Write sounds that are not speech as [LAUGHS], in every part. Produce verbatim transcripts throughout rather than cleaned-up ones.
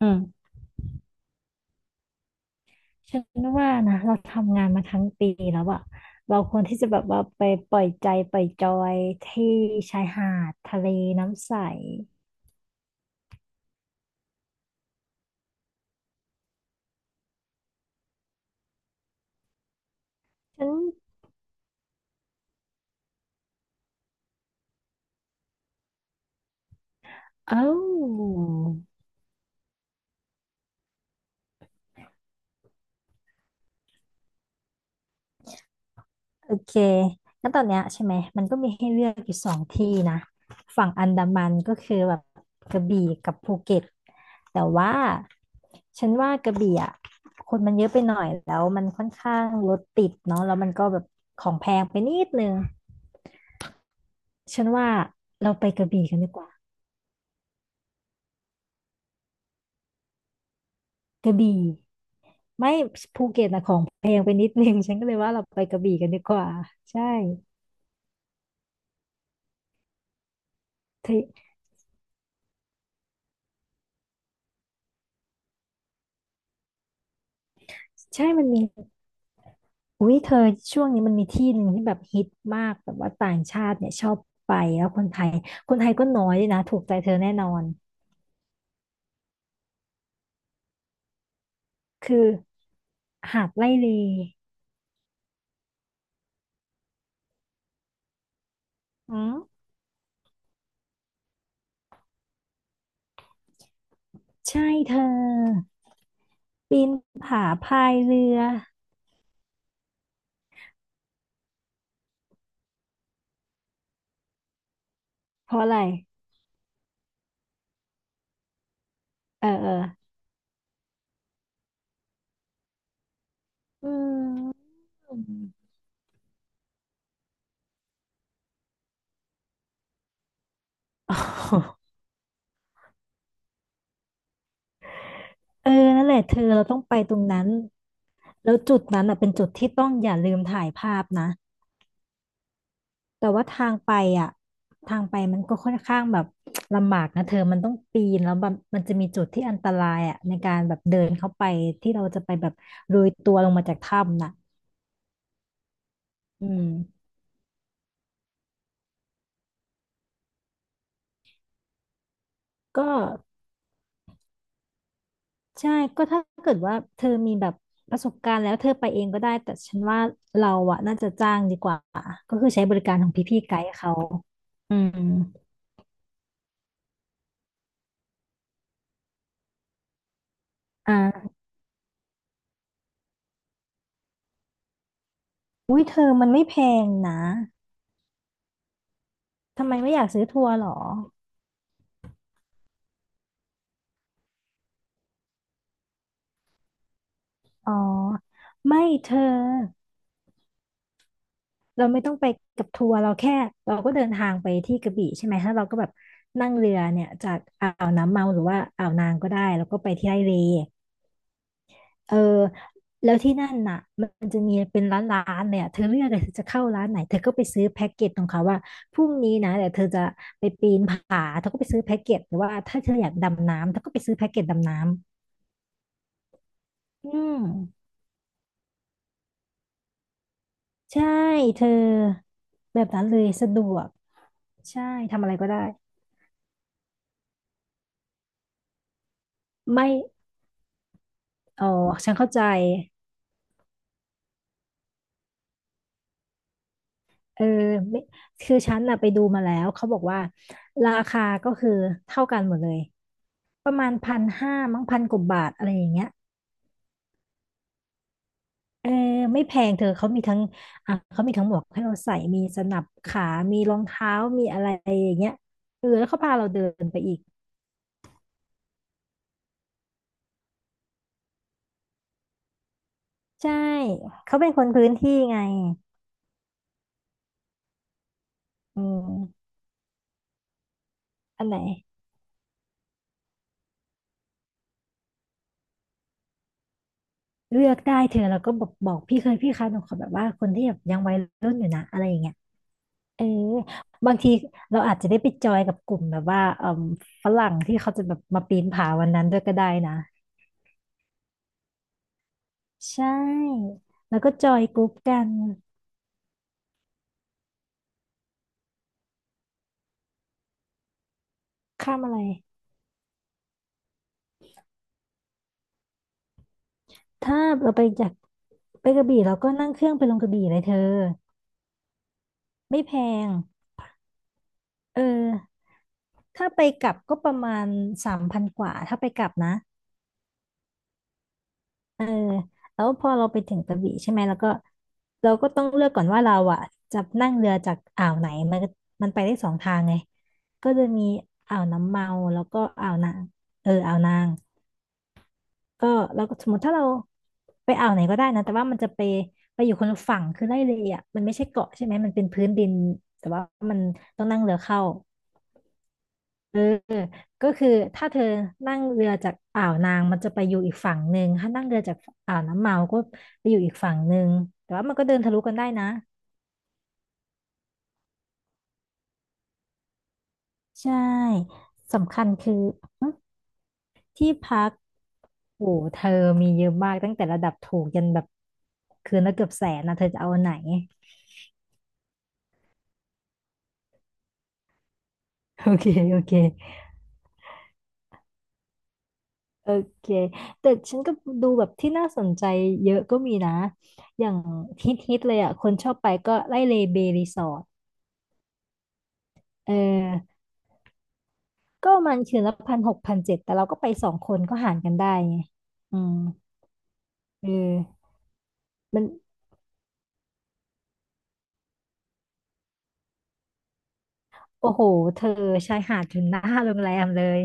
อืมฉันว่านะเราทำงานมาทั้งปีแล้วอะเราควรที่จะแบบว่าไปปล่อยใจปล่อยจอยที่ชายหาดทะเลน้ำใสฉันเอ้าโอเคงั้นตอนเนี้ยใช่ไหมมันก็มีให้เลือกอยู่สองที่นะฝั่งอันดามันก็คือแบบกระบี่กับภูเก็ตแต่ว่าฉันว่ากระบี่อ่ะคนมันเยอะไปหน่อยแล้วมันค่อนข้างรถติดเนาะแล้วมันก็แบบของแพงไปนิดนึง ฉันว่าเราไปกระบี่กันดีกว่ากระบี่ไม่ภูเก็ตนะของแพงไปนิดนึง [LAUGHS] ฉันก็เลยว่าเราไปกระบี่กันดีกว่าใช่เธอใช่มันมีอุ้ยเธอช่วงนี้มันมีที่หนึ่งที่แบบฮิตมากแบบว่าต่างชาติเนี่ยชอบไปแล้วคนไทยคนไทยก็น้อยด้วยนะถูกใจเธอแน่นอนคือหาดไร่เลอืมใช่เธอปีนผาพายเรือเพราะอะไรเออเอออืม [LAUGHS] เออนั่นแหละเธอเราต้องไปตรงนั้นแล้วจุดนั้นอ่ะเป็นจุดที่ต้องอย่าลืมถ่ายภาพนะแต่ว่าทางไปอ่ะทางไปมันก็ค่อนข้างแบบลำบากนะเธอมันต้องปีนแล้วแบบมันจะมีจุดที่อันตรายอ่ะในการแบบเดินเข้าไปที่เราจะไปแบบโรยตัวลงมาจากถ้ำน่ะอืมก็ใช่ก็ถ้าเกิดว่าเธอมีแบบประสบการณ์แล้วเธอไปเองก็ได้แต่ฉันว่าเราอ่ะน่าจะจ้างดีกว่าก็คือใช้บริการของพี่ๆไกด์เขาอืมอ่า อุ้ยเธอมันไม่แพงนะ ทำไมไม่อยากซื้อทัวร์หรออ๋อไม่เธอ เราไม่ต้องไปกับทัวร์เราแค่เราก็เดินทางไปที่กระบี่ใช่ไหมถ้าเราก็แบบนั่งเรือเนี่ยจากอ่าวน้ำเมาหรือว่าอ่าวนางก็ได้แล้วก็ไปที่ไร่เลเออแล้วที่นั่นน่ะมันจะมีเป็นร้านร้านเลยอะเธอเลือกเลยเธอจะเข้าร้านไหนเธอก็ไปซื้อแพ็กเกจของเขาว่าพรุ่งนี้นะเดี๋ยวเธอจะไปปีนผาเธอก็ไปซื้อแพ็กเกจหรือว่าถ้าเธออยากดำน้ำเธอก็ไปซื้อแพ็กเกจดำน้ำอืม ใช่เธอแบบนั้นเลยสะดวกใช่ทำอะไรก็ได้ไม่อ๋อฉันเข้าใจเออไม่คือฉันน่ะไปดูมาแล้วเขาบอกว่าราคาก็คือเท่ากันหมดเลยประมาณพันห้ามั้งพันกว่าบาทอะไรอย่างเงี้ยเออไม่แพงเธอเขามีทั้งอ่ะเขามีทั้งหมวกให้เราใส่มีสนับขามีรองเท้ามีอะไรอย่างเงี้ยเออแล้วเขาพาเราเดินไปอีกใช่เขาเป็นคนพื้นที่ไงอืมอันไหน เลือกได้เธอแล้วก็บอกบอกพี่เคยพี่คะหนูขอแบบว่าคนที่แบบยังวัยรุ่นอยู่นะอะไรอย่างเงี้ยเออบางทีเราอาจจะได้ไปจอยกับกลุ่มแบบว่าเอ่มฝรั่งที่เขาจะแบบมาปีนผาวันนั้นด้วยก็ได้นะใช่แล้วก็จอยกรุ๊ปกันข้ามอะไรถ้าเราไปจากไปกระบี่เราก็นั่งเครื่องไปลงกระบี่เลยเธอไม่แพงเออถ้าไปกลับก็ประมาณสามพันกว่าถ้าไปกลับนะ เออแล้วพอเราไปถึงกระบี่ใช่ไหมแล้วก็เราก็ต้องเลือกก่อนว่าเราอ่ะจะนั่งเรือจากอ่าวไหนมันก็มันไปได้สองทางไงก็จะมีอ่าวน้ำเมาแล้วก็อ่าวนางเอออ่าวนางก็เราก็สมมติถ้าเราไปอ่าวไหนก็ได้นะแต่ว่ามันจะไปไปอยู่คนละฝั่งคือไล่เลยอ่ะมันไม่ใช่เกาะใช่ไหมมันเป็นพื้นดินแต่ว่ามันต้องนั่งเรือเข้า เออก็คือถ้าเธอนั่งเรือจากอ่าวนางมันจะไปอยู่อีกฝั่งหนึ่งถ้านั่งเรือจากอ่าวน้ำเมาก็ไปอยู่อีกฝั่งหนึ่งแต่ว่ามันก็เดินทะลุกันได้นะใช่สำคัญคือหึที่พักโอ้เธอมีเยอะมากตั้งแต่ระดับถูกยันแบบคืนละเกือบแสนนะเธอจะเอาอันไหน [LAUGHS] โอเคโอเค โอเค แต่ฉันก็ดูแบบที่น่าสนใจเยอะก็มีนะ อย่างฮิตๆเลยอ่ะคนชอบไปก็ไล่เลเบรีสอร์ทเออ ก็มันคืนละพันหกพันเจ็ดแต่เราก็ไปสองคนก็หารกันได้ไงอืมเออมันโอ้โหเธอชายหาดถึงหน้าโรงแรมเลย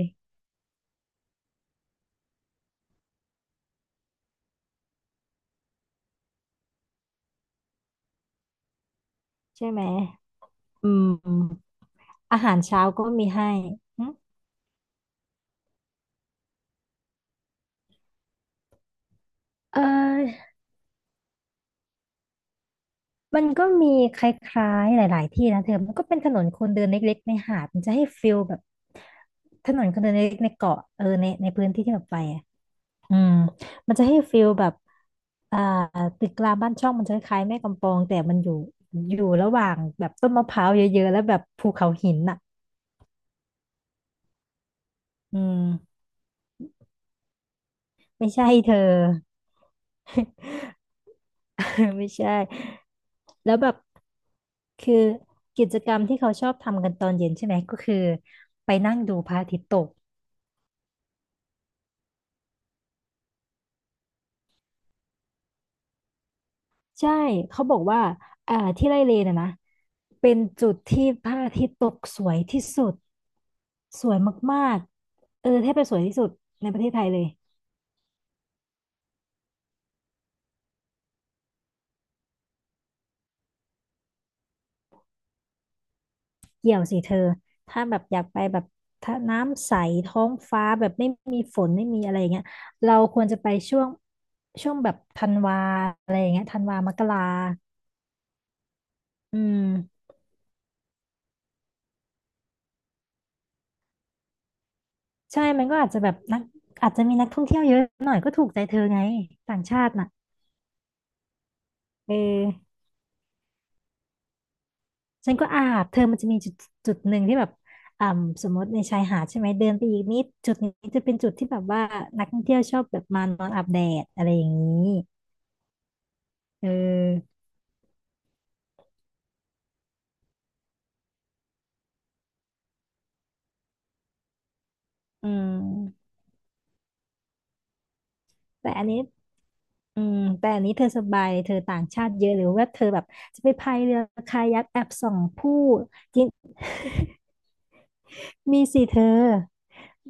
ใช่ไหมอืมอาหารเช้าก็มีให้หึเออมันก็มีคล้ายๆหลายๆที่นะเธอ มันก็เป็นถนนคนเดินเล็กๆในหาด มันจะให้ฟิลแบบถนนคนเดินเล็กๆในเกาะเออในในพื้นที่ที่เราไปอะ อืมมันจะให้ฟีลแบบอ่าตึกรามบ้านช่องมันจะคล้ายๆแม่กำปองแต่มันอยู่อยู่ระหว่างแบบต้นมะพร้าวเยอะๆแล้วแบบภูเขาหินน่ะอืมไม่ใช่เธอ [LAUGHS] ไม่ใช่แล้วแบบคือกิจกรรมที่เขาชอบทำกันตอนเย็นใช่ไหมก็คือไปนั่งดูพระอาทิตย์ตก ใช่เขาบอกว่าอ่าที่ไร่เลนอะนะเป็นจุดที่พระอาทิตย์ตกสวยที่สุดสวยมาก ๆ เออแทบจะสวยที่สุดในประเทศไทยเลยเกี่ยวสิเธอถ้าแบบอยากไปแบบถ้าน้ำใสท้องฟ้าแบบไม่มีฝนไม่มีอะไรอย่างเงี้ยเราควรจะไปช่วงช่วงแบบธันวาอะไรอย่างเงี้ยธันวา มกราอืมใช่มันก็อาจจะแบบนักอาจจะมีนักท่องเที่ยวเยอะหน่อยก็ถูกใจเธอไงต่างชาติน่ะเออ ฉันก็อาบเธอมันจะมีจุดจุดหนึ่งที่แบบอ่าสมมติในชายหาดใช่ไหมเดินไปอีกนิดจุดนี้จะเป็นจุดที่แบบว่านักท่องเที่ยวชอบแบบมานอนอาบแดดอะไรอย่างนี้เอออืมแต่อันนี้อืมแต่อันนี้เธอสบายเธอต่างชาติเยอะหรือว่าเธอแบบจะไปพายเรือคายักแอบส่องผู้จริงมีสิเธอ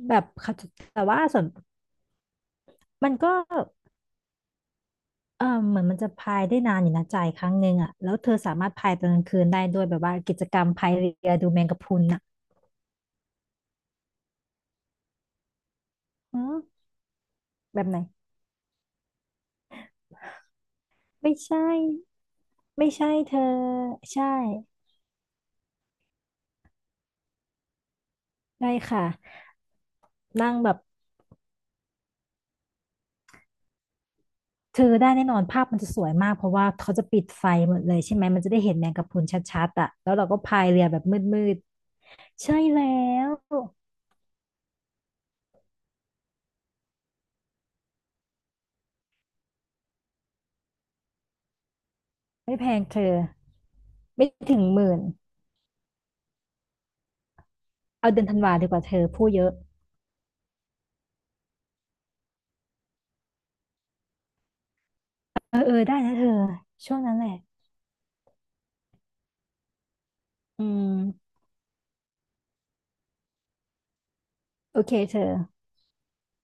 แบบเขาแต่ว่าส่วนมันก็ เออเหมือนมันจะพายได้นานอยู่นะจ่ายครั้งหนึ่งอ่ะแล้วเธอสามารถพายตอนกลางคืนได้ด้วยแบบว่ากิจกรรมพายเรือดูแมงกะพรุนอ่ะอ๋อแบบไหนไม่ใช่ไม่ใช่เธอใช่ได้ค่ะนั่งแบบเธอได้แน่นอนภาพมันจะสวยมากเพราะว่าเขาจะปิดไฟหมดเลยใช่ไหมมันจะได้เห็นแมงกะพรุนชัดๆอ่ะแล้วเราก็พายเรือแบบมืดๆใช่แล้วไม่แพงเธอไม่ถึงหมื่นเอาเดือนธันวาดีกว่าเธอพูดเยอะเออเออได้นะเธอช่วงนั้นแหละอืม โอเคเธอ